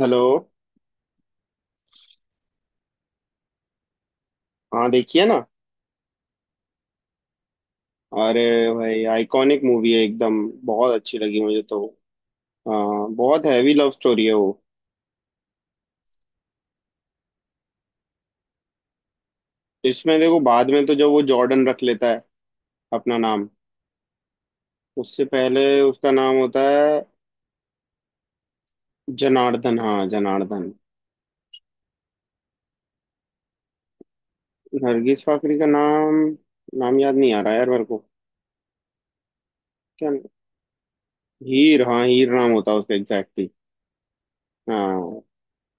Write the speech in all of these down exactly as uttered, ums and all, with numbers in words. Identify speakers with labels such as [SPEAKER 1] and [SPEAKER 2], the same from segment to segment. [SPEAKER 1] Hello. हाँ देखिए ना। अरे भाई आइकॉनिक मूवी है एकदम। बहुत अच्छी लगी मुझे तो। हाँ बहुत हैवी लव स्टोरी है वो। इसमें देखो बाद में तो जब वो जॉर्डन रख लेता है अपना नाम। उससे पहले उसका नाम होता है जनार्दन। हाँ जनार्दन। नरगिस फाकरी का नाम, नाम याद नहीं आ रहा यार मेरे को। क्या? हीर, हाँ हीर नाम होता है उसका एग्जैक्टली। हाँ।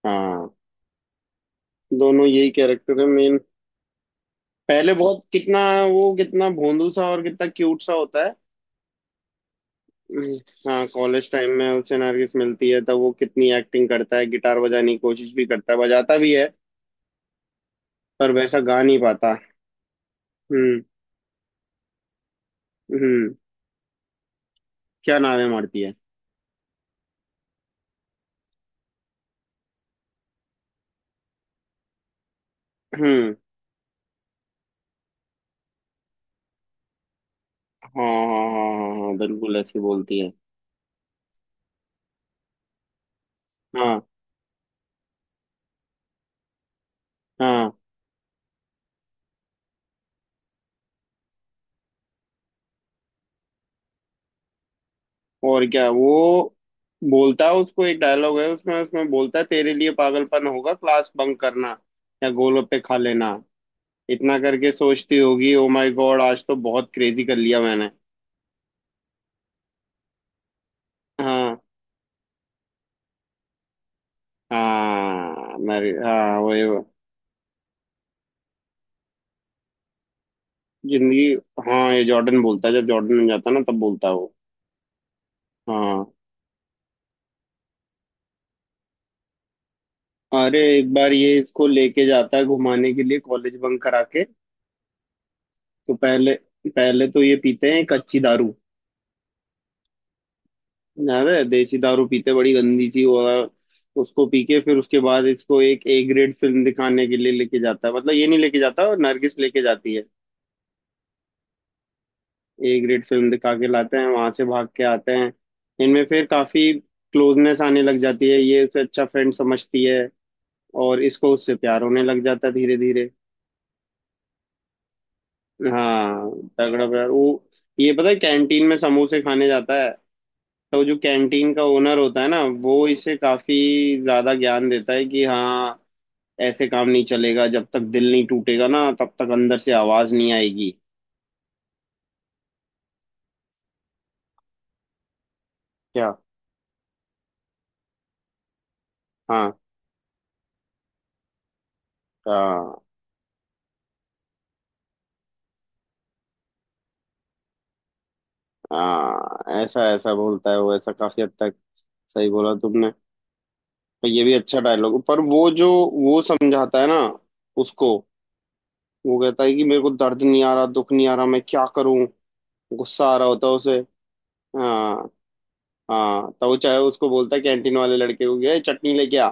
[SPEAKER 1] हाँ। दोनों यही कैरेक्टर है मेन। पहले बहुत कितना, वो कितना भोंदू सा और कितना क्यूट सा होता है। हम्म, हाँ कॉलेज टाइम में उसे नरगिस मिलती है तब वो कितनी एक्टिंग करता है, गिटार बजाने की कोशिश भी करता है, बजाता भी है। पर वैसा गा नहीं पाता। हम्म। हम्म। क्या नारे मारती है? हम्म। हाँ हाँ हाँ। हाँ हाँ बिल्कुल ऐसे बोलती है। हाँ। हाँ। और क्या वो बोलता है उसको, एक डायलॉग है उसमें उसमें बोलता है तेरे लिए पागलपन होगा क्लास बंक करना या गोलगप्पे खा लेना। इतना करके सोचती होगी ओ माय गॉड, आज तो बहुत क्रेजी कर लिया मैंने। हाँ। हाँ मैरी हाँ वो ये। जिंदगी। हाँ ये जॉर्डन बोलता है, जब जॉर्डन में जाता है ना तब बोलता है वो। हाँ। अरे एक बार ये इसको लेके जाता है घुमाने के लिए कॉलेज बंक करा के। तो पहले पहले तो ये पीते हैं कच्ची दारू। अरे देसी दारू पीते, बड़ी गंदी चीज। और उसको पी के फिर उसके बाद इसको एक ए ग्रेड फिल्म दिखाने के लिए लेके जाता है, मतलब ये नहीं लेके जाता, नरगिस लेके जाती है। ए ग्रेड फिल्म दिखा के लाते हैं, वहां से भाग के आते हैं। इनमें फिर काफी क्लोजनेस आने लग जाती है, ये उसे अच्छा फ्रेंड समझती है और इसको उससे प्यार होने लग जाता है धीरे धीरे। हाँ तगड़ा प्यार वो। ये पता है कैंटीन में समोसे खाने जाता है तो जो कैंटीन का ओनर होता है ना, वो इसे काफी ज्यादा ज्ञान देता है कि हाँ, ऐसे काम नहीं चलेगा, जब तक दिल नहीं टूटेगा ना तब तक अंदर से आवाज नहीं आएगी। क्या? हाँ हाँ हाँ ऐसा ऐसा बोलता है वो, ऐसा काफी हद तक सही बोला तुमने। पर ये भी अच्छा डायलॉग, पर वो जो वो समझाता है ना उसको। वो कहता है कि मेरे को दर्द नहीं आ रहा, दुख नहीं आ रहा, मैं क्या करूं, गुस्सा आ रहा होता है उसे। हाँ। हाँ तो वो चाहे उसको बोलता है कैंटीन वाले लड़के को, गया चटनी लेके आ।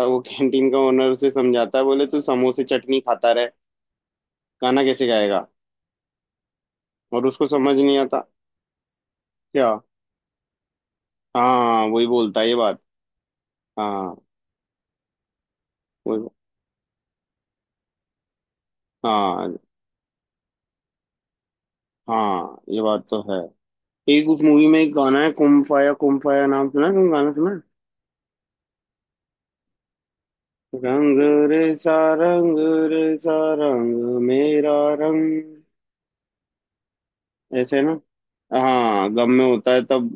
[SPEAKER 1] तो वो कैंटीन का ओनर उसे समझाता है, बोले तू समोसे चटनी खाता रहे गाना कैसे गाएगा। और उसको समझ नहीं आता। क्या? हाँ वही बोलता है ये बात। हाँ। वही। हाँ हाँ ये बात तो है। एक उस मूवी में एक गाना है, कुम फाया कुम फाया नाम, सुना है? तुम गाना सुना है? रंग रे सा, रंग रे सा, रंग मेरा रंग। ऐसे है ना। हाँ गम में होता है तब।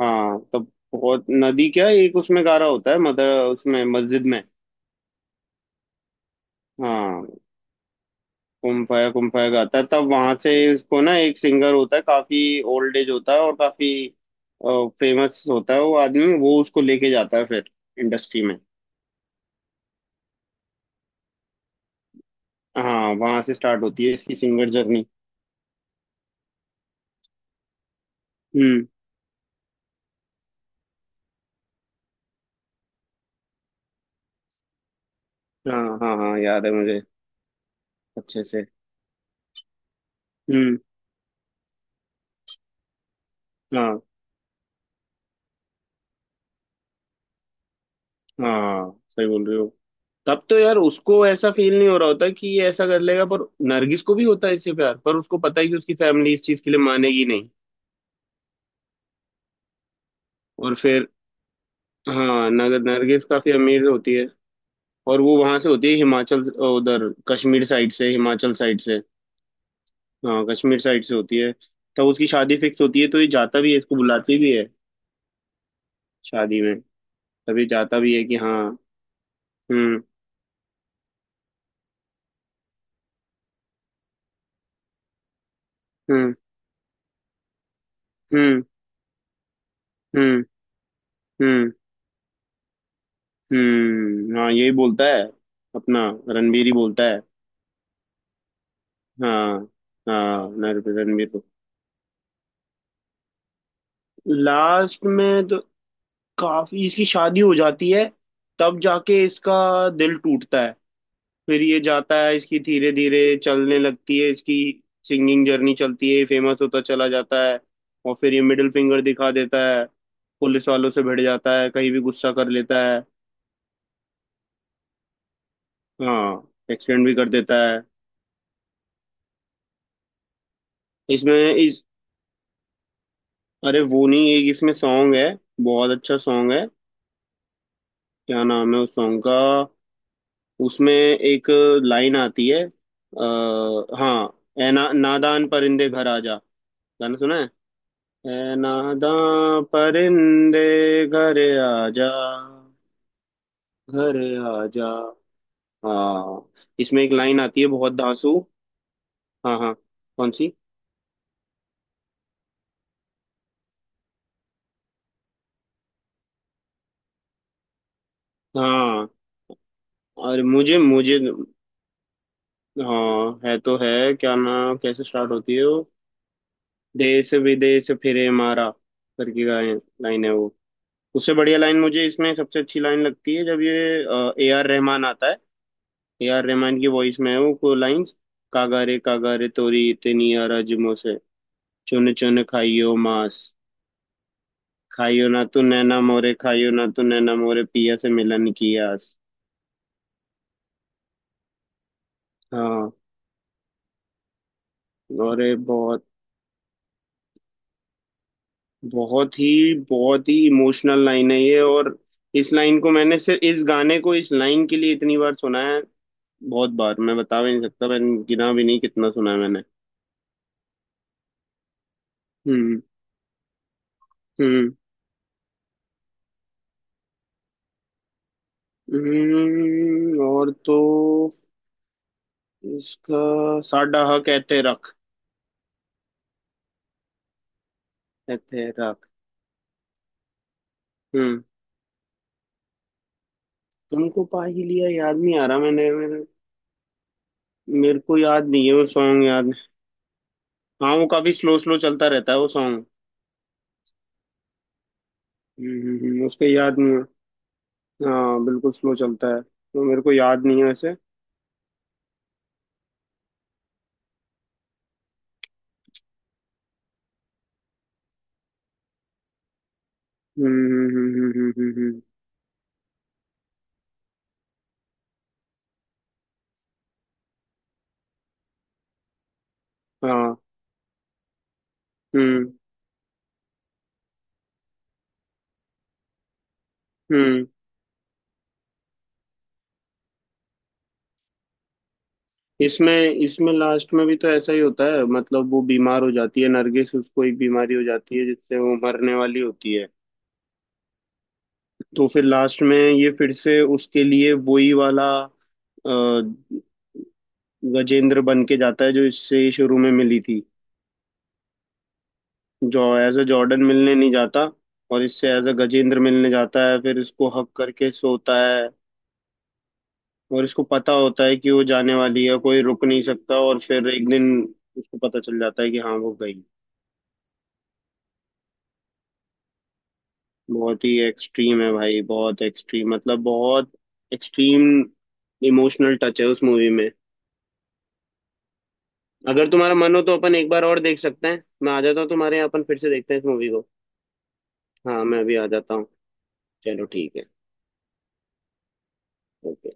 [SPEAKER 1] हाँ तब। बहुत नदी क्या है, एक उसमें गारा होता है, मदर, उसमें मस्जिद में। हाँ। कुम फाया कुम फाया गाता है, तब वहां से इसको ना एक सिंगर होता है काफी ओल्ड एज, होता है और काफी फेमस होता है वो आदमी, वो उसको लेके जाता है फिर इंडस्ट्री में। हाँ वहां से स्टार्ट होती है इसकी सिंगर जर्नी। हम्म। हाँ हाँ हाँ याद है मुझे, अच्छे से। हम्म। हाँ हाँ सही बोल रहे हो। तब तो यार उसको ऐसा फील नहीं हो रहा होता कि ये ऐसा कर लेगा, पर नरगिस को भी होता है इससे प्यार, पर उसको पता है कि उसकी फैमिली इस चीज के लिए मानेगी नहीं। और फिर, हाँ, नगर नरगिस काफी अमीर होती है और वो वहां से होती है हिमाचल, उधर कश्मीर साइड से, हिमाचल साइड से। हाँ कश्मीर साइड से होती है। तब उसकी शादी फिक्स होती है, तो ये जाता भी है, इसको बुलाती भी है शादी में, तभी जाता भी है कि हाँ। हम्म। हम्म। हम्म। हम्म। हम्म। हम्म। हाँ यही बोलता है अपना, रणबीर ही बोलता है। हाँ। हाँ नर- रणबीर को। लास्ट में तो काफी, इसकी शादी हो जाती है तब जाके इसका दिल टूटता है। फिर ये जाता है, इसकी धीरे धीरे चलने लगती है इसकी सिंगिंग जर्नी, चलती है, फेमस होता चला जाता है। और फिर ये मिडिल फिंगर दिखा देता है, पुलिस वालों से भिड़ जाता है, कहीं भी गुस्सा कर लेता है। हाँ एक्सटेंड भी कर देता है। इसमें इस अरे वो नहीं, एक इसमें सॉन्ग है, बहुत अच्छा सॉन्ग है, क्या नाम है उस सॉन्ग का। उसमें एक लाइन आती है, आ, हाँ, ए ना, नादान परिंदे घर आजा। गाना सुना है? ए नादान परिंदे घर आजा, घर आजा। हाँ। इसमें एक लाइन आती है, बहुत धांसू। हाँ हाँ, कौन सी? हाँ, और मुझे मुझे। हाँ है तो है। क्या ना, कैसे स्टार्ट होती है वो? देश विदेश फिरे मारा करके, लाइन है वो। उससे बढ़िया लाइन, मुझे इसमें सबसे अच्छी लाइन लगती है जब ये ए आर रहमान आता है। ए आर रहमान की वॉइस में है वो को लाइंस। कागारे कागारे तोरी इतनी अरजुमों से, चुन चुन खाइयो मांस। खाइयो ना तू नैना मोरे, खाइयो ना तू नैना मोरे पिया से मिलन की आस। हाँ और ये बहुत, बहुत ही बहुत ही इमोशनल लाइन है ये। और इस लाइन को, मैंने सिर्फ इस गाने को इस लाइन के लिए इतनी बार सुना है। बहुत बार, मैं बता भी नहीं सकता, मैंने गिना भी नहीं कितना सुना है मैंने। हम्म। हम्म। हम्म। और तो इसका साडा हा कहते रख। कहते रख। हम्म। तुमको पा ही लिया, याद नहीं आ रहा, मैंने मेरे, मेरे को याद नहीं है वो सॉन्ग याद। हाँ वो काफी स्लो स्लो चलता रहता है वो सॉन्ग। हम्म। हम्म। हम्म। उसका याद नहीं। हाँ बिल्कुल स्लो चलता है तो मेरे को याद नहीं है वैसे। हम्म। हम्म। हम्म। हम्म। हम्म। हम्म। हम्म। हाँ। हम्म। हम्म। इसमें इसमें लास्ट में भी तो ऐसा ही होता है, मतलब वो बीमार हो जाती है नरगिस, उसको एक बीमारी हो जाती है जिससे वो मरने वाली होती है। तो फिर लास्ट में ये फिर से उसके लिए वही वाला अ, गजेंद्र बन के जाता है, जो इससे शुरू में मिली थी। जो एज अ जॉर्डन मिलने नहीं जाता और इससे एज अ गजेंद्र मिलने जाता है, फिर इसको हक करके सोता है। और इसको पता होता है कि वो जाने वाली है, कोई रुक नहीं सकता, और फिर एक दिन उसको पता चल जाता है कि हाँ वो गई। बहुत ही एक्सट्रीम है भाई, बहुत एक्सट्रीम, मतलब बहुत एक्सट्रीम इमोशनल टच है उस मूवी में। अगर तुम्हारा मन हो तो अपन एक बार और देख सकते हैं, मैं आ जाता हूँ तुम्हारे यहाँ, अपन फिर से देखते हैं इस मूवी को। हाँ मैं अभी आ जाता हूँ। चलो ठीक है। ओके।